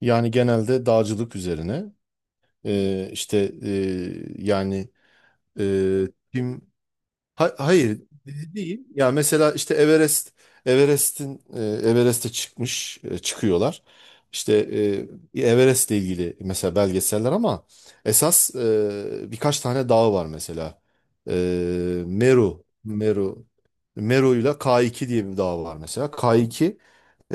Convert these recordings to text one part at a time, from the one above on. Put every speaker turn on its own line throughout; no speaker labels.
Yani genelde dağcılık üzerine. İşte e, yani e, tim Hayır, değil. Ya mesela işte Everest, Everest'e çıkmış, çıkıyorlar. İşte Everest'le ilgili mesela belgeseller, ama esas birkaç tane dağ var mesela. E, Meru Meru Meru'yla K2 diye bir dağ var mesela. K2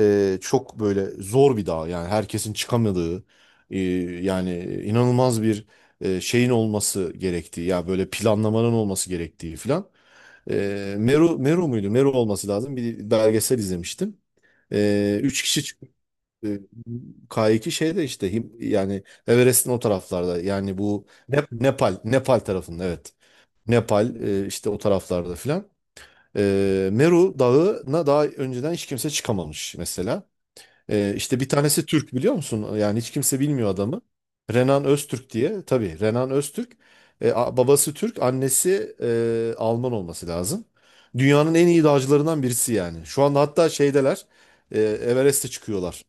çok böyle zor bir dağ, yani herkesin çıkamadığı, e, yani inanılmaz bir şeyin olması gerektiği, ya böyle planlamanın olması gerektiği filan. Meru muydu? Meru olması lazım. Bir belgesel izlemiştim. Üç kişi çıkıp e, K2 şeyde işte yani Everest'in o taraflarda, yani bu Nepal tarafında, evet. Nepal, işte o taraflarda filan. Meru Dağı'na daha önceden hiç kimse çıkamamış mesela. İşte bir tanesi Türk, biliyor musun? Yani hiç kimse bilmiyor adamı. Renan Öztürk diye. Tabii Renan Öztürk. Babası Türk, annesi Alman olması lazım. Dünyanın en iyi dağcılarından birisi yani. Şu anda hatta şeydeler. Everest'e çıkıyorlar.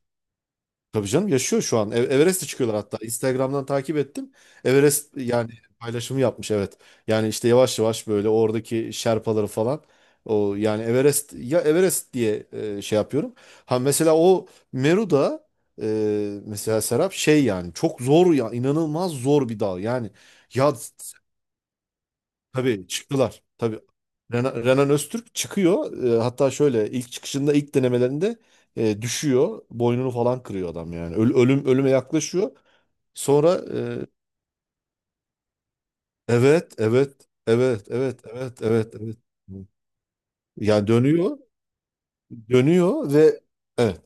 Tabii canım, yaşıyor şu an. Everest'e çıkıyorlar hatta. Instagram'dan takip ettim. Everest yani paylaşımı yapmış, evet. Yani işte yavaş yavaş böyle oradaki şerpaları falan. O yani Everest, ya Everest diye şey yapıyorum. Ha mesela o Meru'da, mesela Serap şey, yani çok zor ya, inanılmaz zor bir dağ. Yani ya, tabii çıktılar. Tabii. Renan Öztürk çıkıyor. Hatta şöyle ilk çıkışında, ilk denemelerinde düşüyor. Boynunu falan kırıyor adam yani. Ölüm, ölüme yaklaşıyor. Sonra evet evet evet evet evet evet evet. Yani dönüyor. Dönüyor ve evet.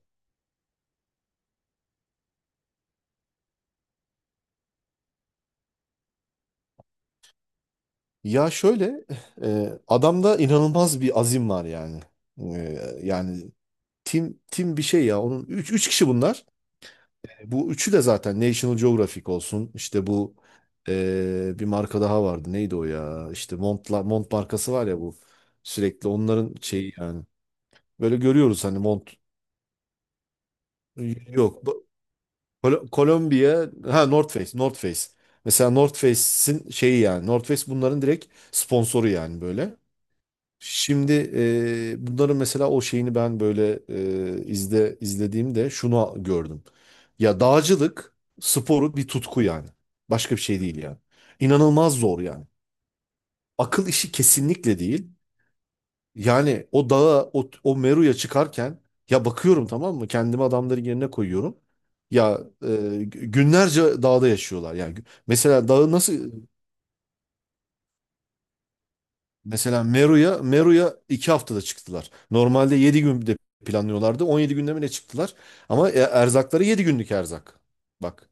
Ya şöyle adamda inanılmaz bir azim var yani. E, yani tim tim bir şey ya. Onun üç kişi bunlar. Bu üçü de zaten National Geographic olsun. İşte bu bir marka daha vardı. Neydi o ya? İşte Montla, Mont markası var ya bu. Sürekli onların şeyi yani. Böyle görüyoruz hani Mont. Yok. Kolombiya. Ha North Face. North Face. Mesela North Face'in şeyi yani. North Face bunların direkt sponsoru yani böyle. Şimdi bunların mesela o şeyini ben böyle izlediğimde şunu gördüm. Ya dağcılık sporu bir tutku yani. Başka bir şey değil yani. İnanılmaz zor yani. Akıl işi kesinlikle değil. Yani o dağa, o, Meru'ya çıkarken ya bakıyorum, tamam mı? Kendimi adamların yerine koyuyorum. Ya günlerce dağda yaşıyorlar. Yani mesela dağı nasıl... Mesela Meru'ya 2 haftada çıktılar. Normalde 7 günde planlıyorlardı. 17 günde mi ne çıktılar? Ama erzakları 7 günlük erzak. Bak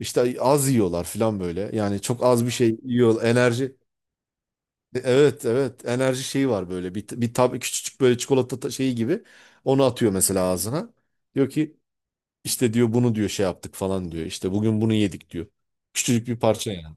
işte az yiyorlar falan böyle. Yani çok az bir şey yiyor. Enerji... Evet evet, enerji şeyi var böyle. Bir, bir tab küçücük böyle çikolata şeyi gibi. Onu atıyor mesela ağzına. Diyor ki işte, diyor bunu, diyor şey yaptık falan, diyor. İşte bugün bunu yedik, diyor. Küçücük bir parça yani.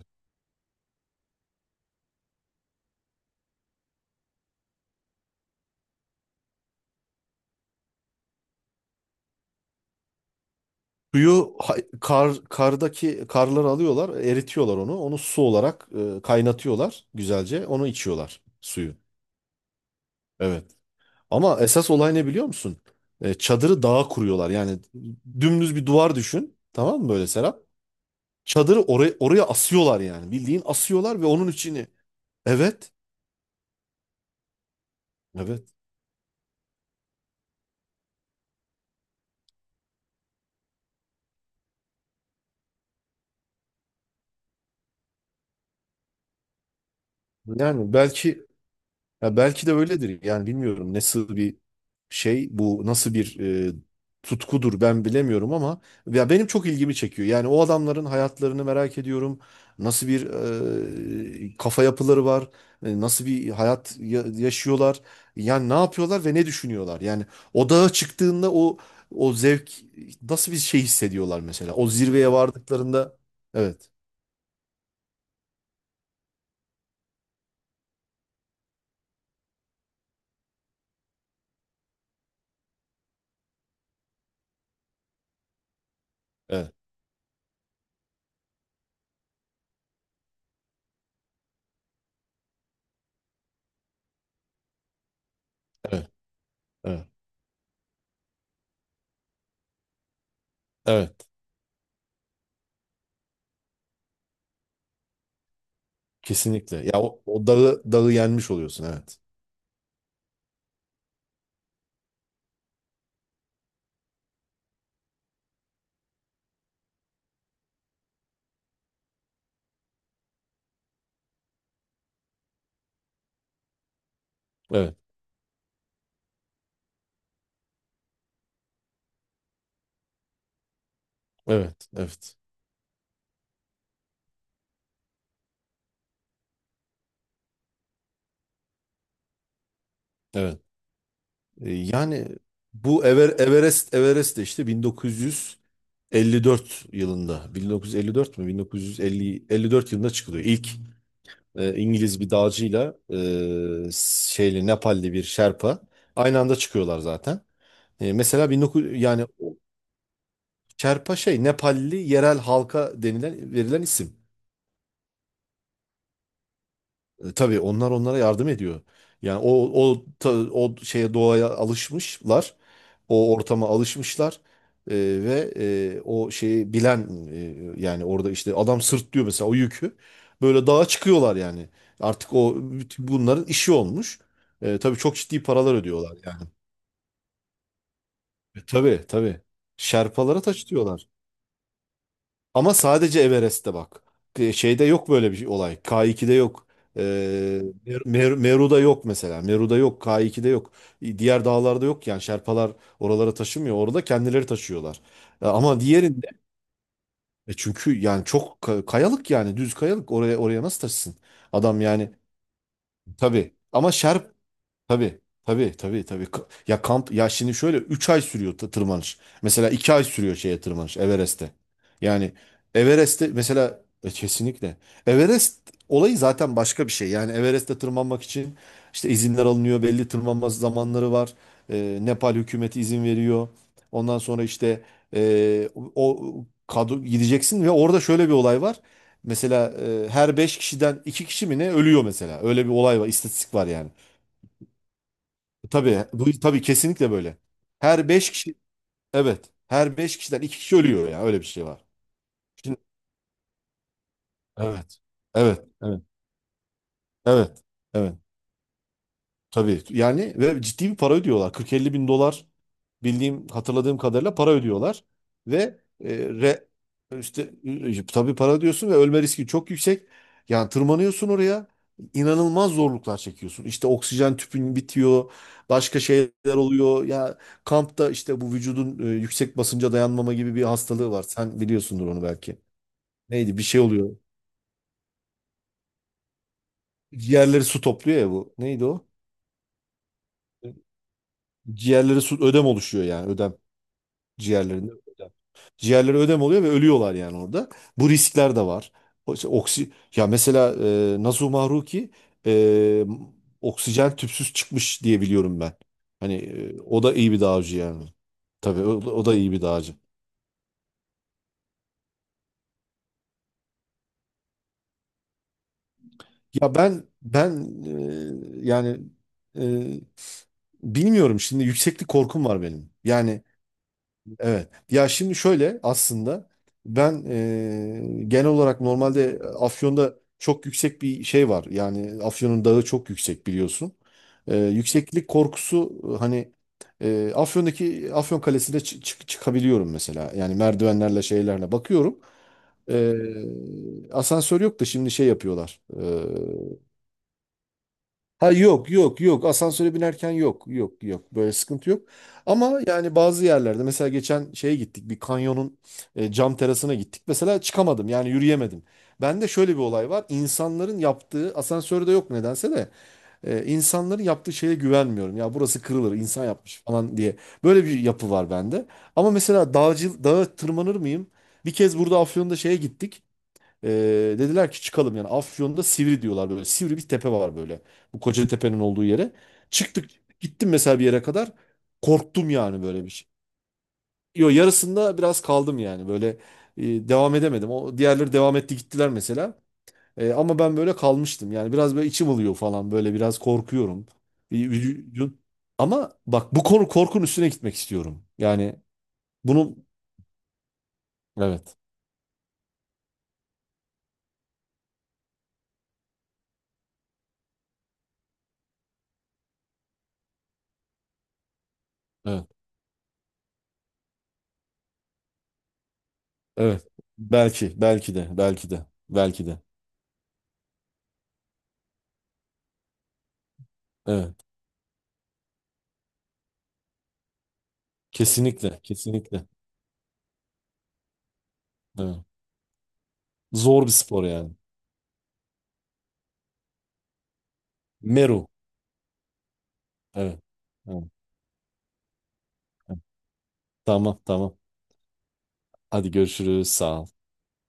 Suyu kar, kardaki karları alıyorlar, eritiyorlar onu. Onu su olarak kaynatıyorlar güzelce. Onu içiyorlar, suyu. Evet. Ama esas olay ne, biliyor musun? Çadırı dağa kuruyorlar. Yani dümdüz bir duvar düşün. Tamam mı böyle Serap? Çadırı oraya, oraya asıyorlar yani. Bildiğin asıyorlar ve onun içini. Evet. Evet. Yani belki, ya belki de öyledir. Yani bilmiyorum, nasıl bir şey bu, nasıl bir e, tutkudur, ben bilemiyorum, ama ya benim çok ilgimi çekiyor. Yani o adamların hayatlarını merak ediyorum. Nasıl bir kafa yapıları var? Nasıl bir hayat yaşıyorlar? Yani ne yapıyorlar ve ne düşünüyorlar? Yani o dağa çıktığında o, o zevk nasıl bir şey hissediyorlar mesela? O zirveye vardıklarında evet. Evet. Evet. Evet. Evet. Kesinlikle. Ya o, o dağı yenmiş oluyorsun, evet. Evet, evet, evet, evet. Yani bu Everest de işte 1954 yılında, 1954 mü? 1950, 54 yılında çıkılıyor. İlk İngiliz bir dağcıyla şeyli Nepalli bir Şerpa aynı anda çıkıyorlar zaten. E, mesela 19 yani o... Şerpa şey, Nepalli yerel halka denilen, verilen isim. Tabii onlar onlara yardım ediyor. Yani o o o şeye, doğaya alışmışlar, o ortama alışmışlar. Ee, Ve o şeyi bilen, yani orada işte adam sırtlıyor mesela o yükü, böyle dağa çıkıyorlar yani. Artık o bütün bunların işi olmuş. Tabii çok ciddi paralar ödüyorlar yani. E, tabii tabii Şerpalara taş diyorlar. Ama sadece Everest'te bak. Şeyde yok böyle bir olay. K2'de yok. Ee, Meru'da yok mesela. Meru'da yok. K2'de yok. Diğer dağlarda yok yani. Şerpalar oralara taşımıyor. Orada kendileri taşıyorlar. Ama diğerinde çünkü yani çok kayalık, yani düz kayalık. Oraya, oraya nasıl taşısın? Adam yani, tabii. Ama tabii. Tabii. Ya kamp... Ya şimdi şöyle 3 ay sürüyor tırmanış. Mesela 2 ay sürüyor şeye tırmanış, Everest'e. Yani Everest'te mesela kesinlikle. Everest olayı zaten başka bir şey. Yani Everest'te tırmanmak için işte izinler alınıyor. Belli tırmanma zamanları var. Nepal hükümeti izin veriyor. Ondan sonra işte e, o kadro gideceksin ve orada şöyle bir olay var. Mesela her 5 kişiden 2 kişi mi ne ölüyor mesela. Öyle bir olay var, istatistik var yani. Tabii bu, tabii kesinlikle böyle. Her 5 kişi, evet. Her 5 kişiden 2 kişi ölüyor ya, öyle bir şey var. Şimdi evet. Evet. Evet. Evet. Evet. Tabii yani, ve ciddi bir para ödüyorlar. 40-50 bin dolar bildiğim, hatırladığım kadarıyla para ödüyorlar. Ve e, re, işte tabii para ödüyorsun ve ölme riski çok yüksek. Yani tırmanıyorsun oraya, inanılmaz zorluklar çekiyorsun. İşte oksijen tüpün bitiyor, başka şeyler oluyor. Ya kampta işte bu vücudun yüksek basınca dayanmama gibi bir hastalığı var. Sen biliyorsundur onu belki. Neydi, bir şey oluyor. Ciğerleri su topluyor ya bu. Neydi o? Ciğerleri su, ödem oluşuyor yani, ödem. Ciğerlerinde ödem. Ciğerleri ödem oluyor ve ölüyorlar yani orada. Bu riskler de var. İşte ya mesela Nasuh Mahruki e, oksijen tüpsüz çıkmış diye biliyorum ben. Hani o da iyi bir dağcı yani. Tabii o, o da iyi bir dağcı. Ya ben e, yani e, bilmiyorum, şimdi yükseklik korkum var benim. Yani evet. Ya şimdi şöyle aslında ben genel olarak normalde Afyon'da çok yüksek bir şey var. Yani Afyon'un dağı çok yüksek biliyorsun. Yükseklik korkusu, Afyon'daki Afyon Kalesi'ne çıkabiliyorum mesela. Yani merdivenlerle, şeylerle bakıyorum. E, Asansör yok da şimdi şey yapıyorlar. Ha yok yok yok, asansöre binerken yok yok yok, böyle sıkıntı yok. Ama yani bazı yerlerde, mesela geçen şeye gittik, bir kanyonun cam terasına gittik. Mesela çıkamadım, yani yürüyemedim. Bende şöyle bir olay var, insanların yaptığı... Asansörde yok nedense de insanların yaptığı şeye güvenmiyorum. Ya burası kırılır, insan yapmış falan diye böyle bir yapı var bende. Ama mesela dağcı, dağa tırmanır mıyım? Bir kez burada Afyon'da şeye gittik. Dediler ki çıkalım, yani Afyon'da Sivri diyorlar böyle. Sivri bir tepe var böyle. Bu Kocatepe'nin olduğu yere. Çıktık, gittim mesela bir yere kadar. Korktum yani böyle bir şey. Yo yarısında biraz kaldım yani böyle devam edemedim. O diğerleri devam etti, gittiler mesela. Ama ben böyle kalmıştım. Yani biraz böyle içim ılıyor falan, böyle biraz korkuyorum. Bir vücudun- Ama bak, bu konu, korkun üstüne gitmek istiyorum. Yani bunu evet evet evet, belki de evet. Kesinlikle, kesinlikle. Evet. Zor bir spor yani. Meru. Evet. Evet. Evet. Tamam, tamam. Hadi görüşürüz. Sağ ol.